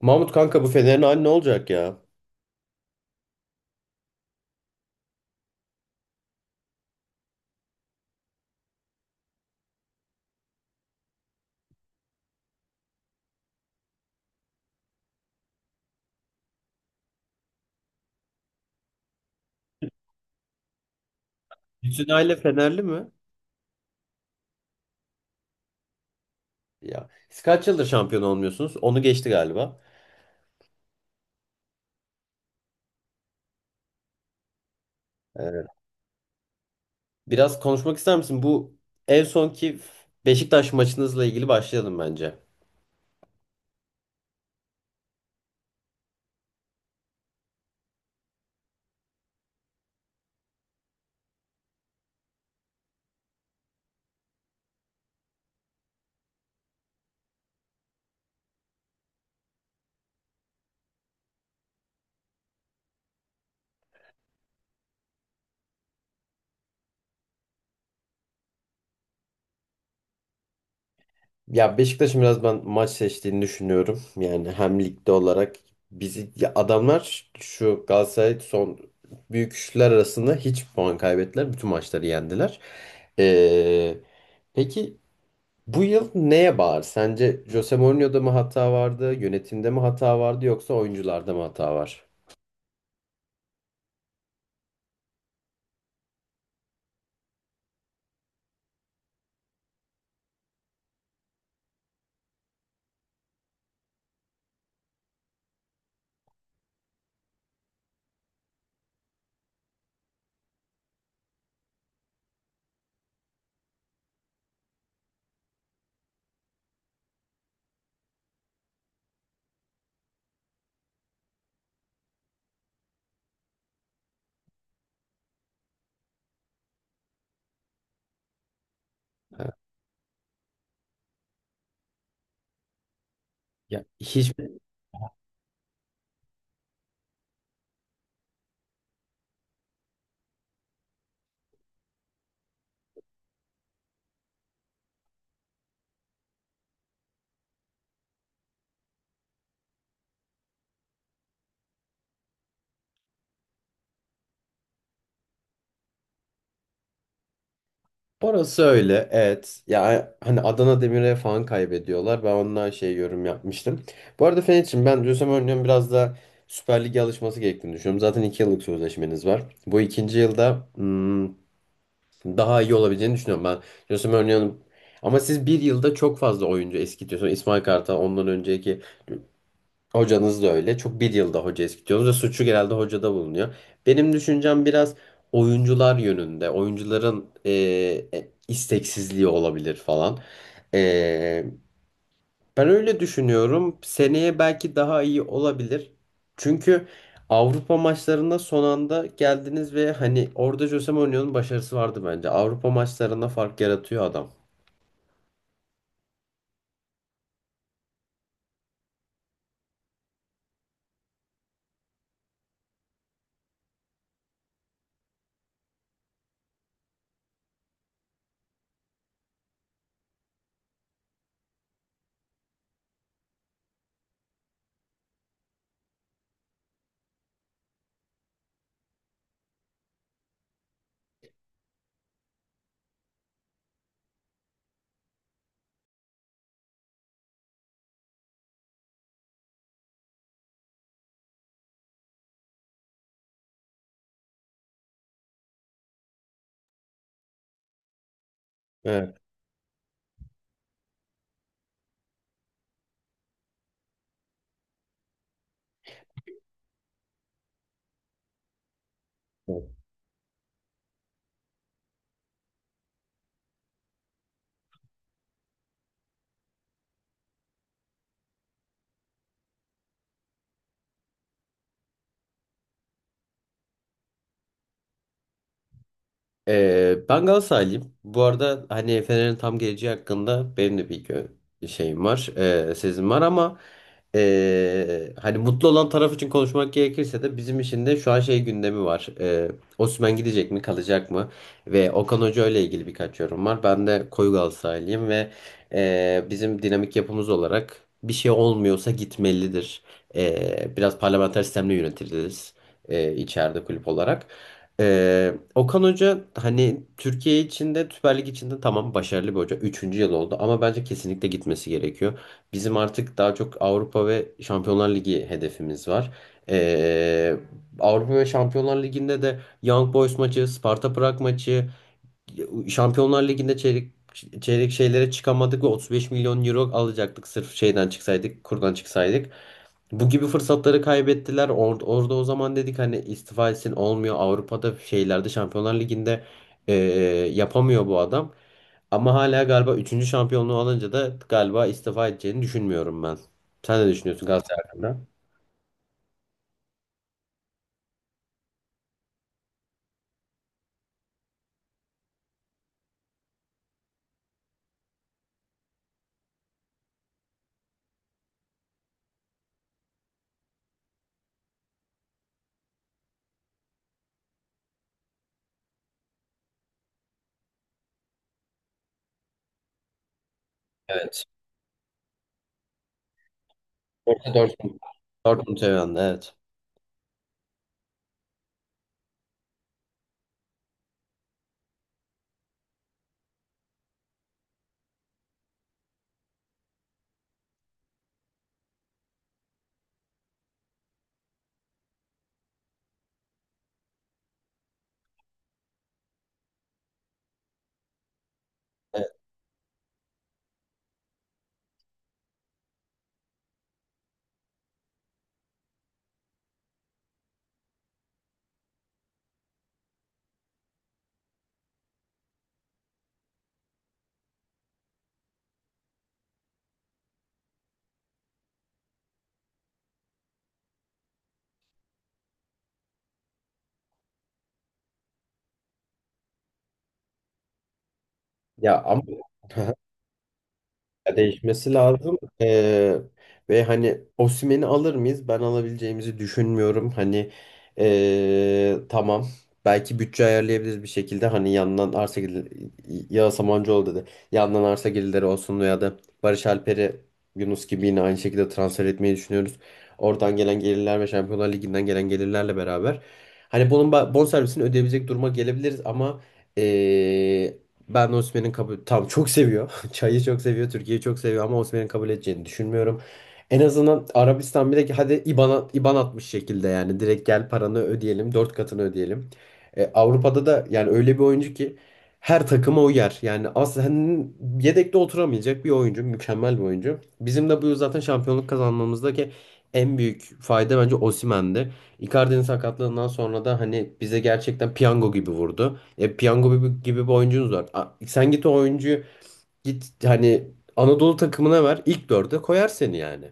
Mahmut kanka bu Fener'in hali ne olacak ya? Bütün aile Fenerli mi? Ya siz kaç yıldır şampiyon olmuyorsunuz? Onu geçti galiba. Ee, Biraz konuşmak ister misin? Bu en sonki Beşiktaş maçınızla ilgili başlayalım bence. Ya Beşiktaş'ın biraz ben maç seçtiğini düşünüyorum. Yani hem ligde olarak bizi ya adamlar şu Galatasaray son büyük üçler arasında hiç puan kaybettiler. Bütün maçları yendiler. Ee, peki, bu yıl neye bağır? Sence Jose Mourinho'da mı hata vardı, yönetimde mi hata vardı yoksa oyuncularda mı hata var? Ha, ya hiç orası öyle. Evet. Ya hani Adana Demir'e falan kaybediyorlar. Ben ondan şey yorum yapmıştım. Bu arada Fener'çim, ben Jose Mourinho'nun biraz da Süper Lig'e alışması gerektiğini düşünüyorum. Zaten iki yıllık sözleşmeniz var. Bu ikinci yılda daha iyi olabileceğini düşünüyorum ben. Jose Mourinho'nun ama siz bir yılda çok fazla oyuncu eskitiyorsunuz. İsmail Kartal ondan önceki hocanız da öyle. Çok bir yılda hoca eskitiyorsunuz ve suçu genelde hocada bulunuyor. Benim düşüncem biraz oyuncular yönünde. Oyuncuların isteksizliği olabilir falan. E, Ben öyle düşünüyorum. Seneye belki daha iyi olabilir. Çünkü Avrupa maçlarına son anda geldiniz ve hani orada Jose Mourinho'nun başarısı vardı bence. Avrupa maçlarına fark yaratıyor adam. Evet. Ben Galatasaraylıyım. Bu arada hani Fener'in tam geleceği hakkında benim de bir şeyim var, sezim var ama hani mutlu olan taraf için konuşmak gerekirse de bizim için de şu an şey gündemi var. Osimhen gidecek mi, kalacak mı? Ve Okan Hoca ile ilgili birkaç yorum var. Ben de koyu Galatasaraylıyım ve bizim dinamik yapımız olarak bir şey olmuyorsa gitmelidir. Biraz parlamenter sistemle yönetiliriz, içeride kulüp olarak. Okan Hoca hani Türkiye içinde Süper Lig içinde tamam başarılı bir hoca. Üçüncü yıl oldu ama bence kesinlikle gitmesi gerekiyor. Bizim artık daha çok Avrupa ve Şampiyonlar Ligi hedefimiz var. Ee, Avrupa ve Şampiyonlar Ligi'nde de Young Boys maçı, Sparta Prag maçı, Şampiyonlar Ligi'nde çeyrek şeylere çıkamadık ve 35 milyon euro alacaktık sırf şeyden çıksaydık, kurdan çıksaydık. Bu gibi fırsatları kaybettiler. Orada o zaman dedik hani istifa etsin olmuyor. Avrupa'da şeylerde Şampiyonlar Ligi'nde eee, yapamıyor bu adam. Ama hala galiba üçüncü şampiyonluğu alınca da galiba istifa edeceğini düşünmüyorum ben. Sen ne düşünüyorsun Galatasaray hakkında? Evet. Yoksa Dortmund. Dortmund seven, evet. Evet. Ya ama ya değişmesi lazım. Ve hani Osimhen'i alır mıyız? Ben alabileceğimizi düşünmüyorum. Hani tamam. Belki bütçe ayarlayabiliriz bir şekilde. Hani yandan arsa gelirleri, ya Samancıoğlu dedi. Yandan arsa gelirleri olsun veya da Barış Alper'i Yunus gibi yine aynı şekilde transfer etmeyi düşünüyoruz. Oradan gelen gelirler ve Şampiyonlar Ligi'nden gelen gelirlerle beraber. Hani bunun bonservisini ödeyebilecek duruma gelebiliriz ama ee, ben Osimhen'in kabul... Tamam, çok seviyor. Çayı çok seviyor. Türkiye'yi çok seviyor ama Osimhen'in kabul edeceğini düşünmüyorum. En azından Arabistan bile hadi IBAN atmış şekilde yani direkt gel paranı ödeyelim, dört katını ödeyelim. E, Avrupa'da da yani öyle bir oyuncu ki her takıma uyar. Yani aslında yedekte oturamayacak bir oyuncu, mükemmel bir oyuncu. Bizim de bu yıl zaten şampiyonluk kazanmamızdaki en büyük fayda bence Osimhen'di. Icardi'nin sakatlığından sonra da hani bize gerçekten piyango gibi vurdu. E, piyango gibi, gibi bir oyuncunuz var. Sen git o oyuncuyu git hani Anadolu takımına ver, ilk dörde koyar seni yani.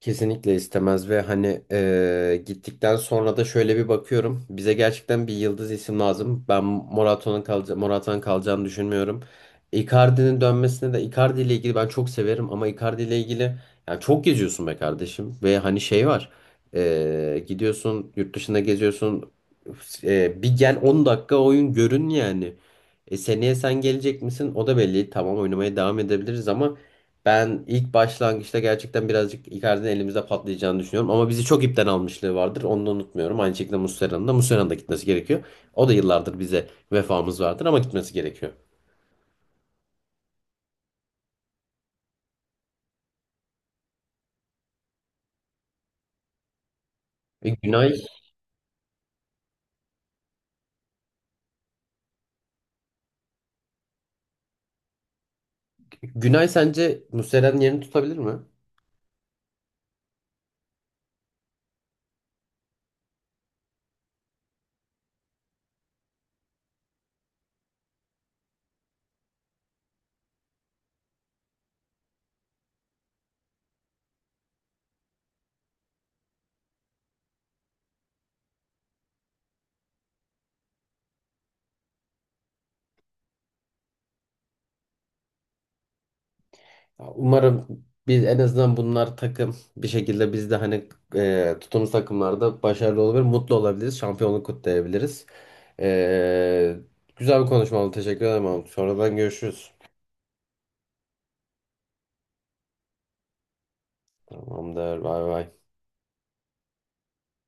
Kesinlikle istemez ve hani gittikten sonra da şöyle bir bakıyorum. Bize gerçekten bir yıldız isim lazım. Ben Morata'nın kalacağını düşünmüyorum. Icardi'nin dönmesine de, Icardi ile ilgili ben çok severim ama Icardi ile ilgili yani çok geziyorsun be kardeşim ve hani şey var. Gidiyorsun yurt dışında geziyorsun. Bir gel 10 dakika oyun görün yani. E, seneye sen gelecek misin? O da belli. Tamam, oynamaya devam edebiliriz ama ben ilk başlangıçta gerçekten birazcık Icardi'nin elimizde patlayacağını düşünüyorum. Ama bizi çok ipten almışlığı vardır. Onu da unutmuyorum. Aynı şekilde Muslera'nın da gitmesi gerekiyor. O da yıllardır bize vefamız vardır ama gitmesi gerekiyor. E, Günay, Günay sence Muslera'nın yerini tutabilir mi? Ya, umarım biz en azından bunlar takım bir şekilde biz de hani tuttuğumuz takımlarda başarılı olabilir, mutlu olabiliriz, şampiyonluk kutlayabiliriz. E, Güzel bir konuşma oldu. Teşekkür ederim. Sonradan görüşürüz. Tamamdır. Bay bay.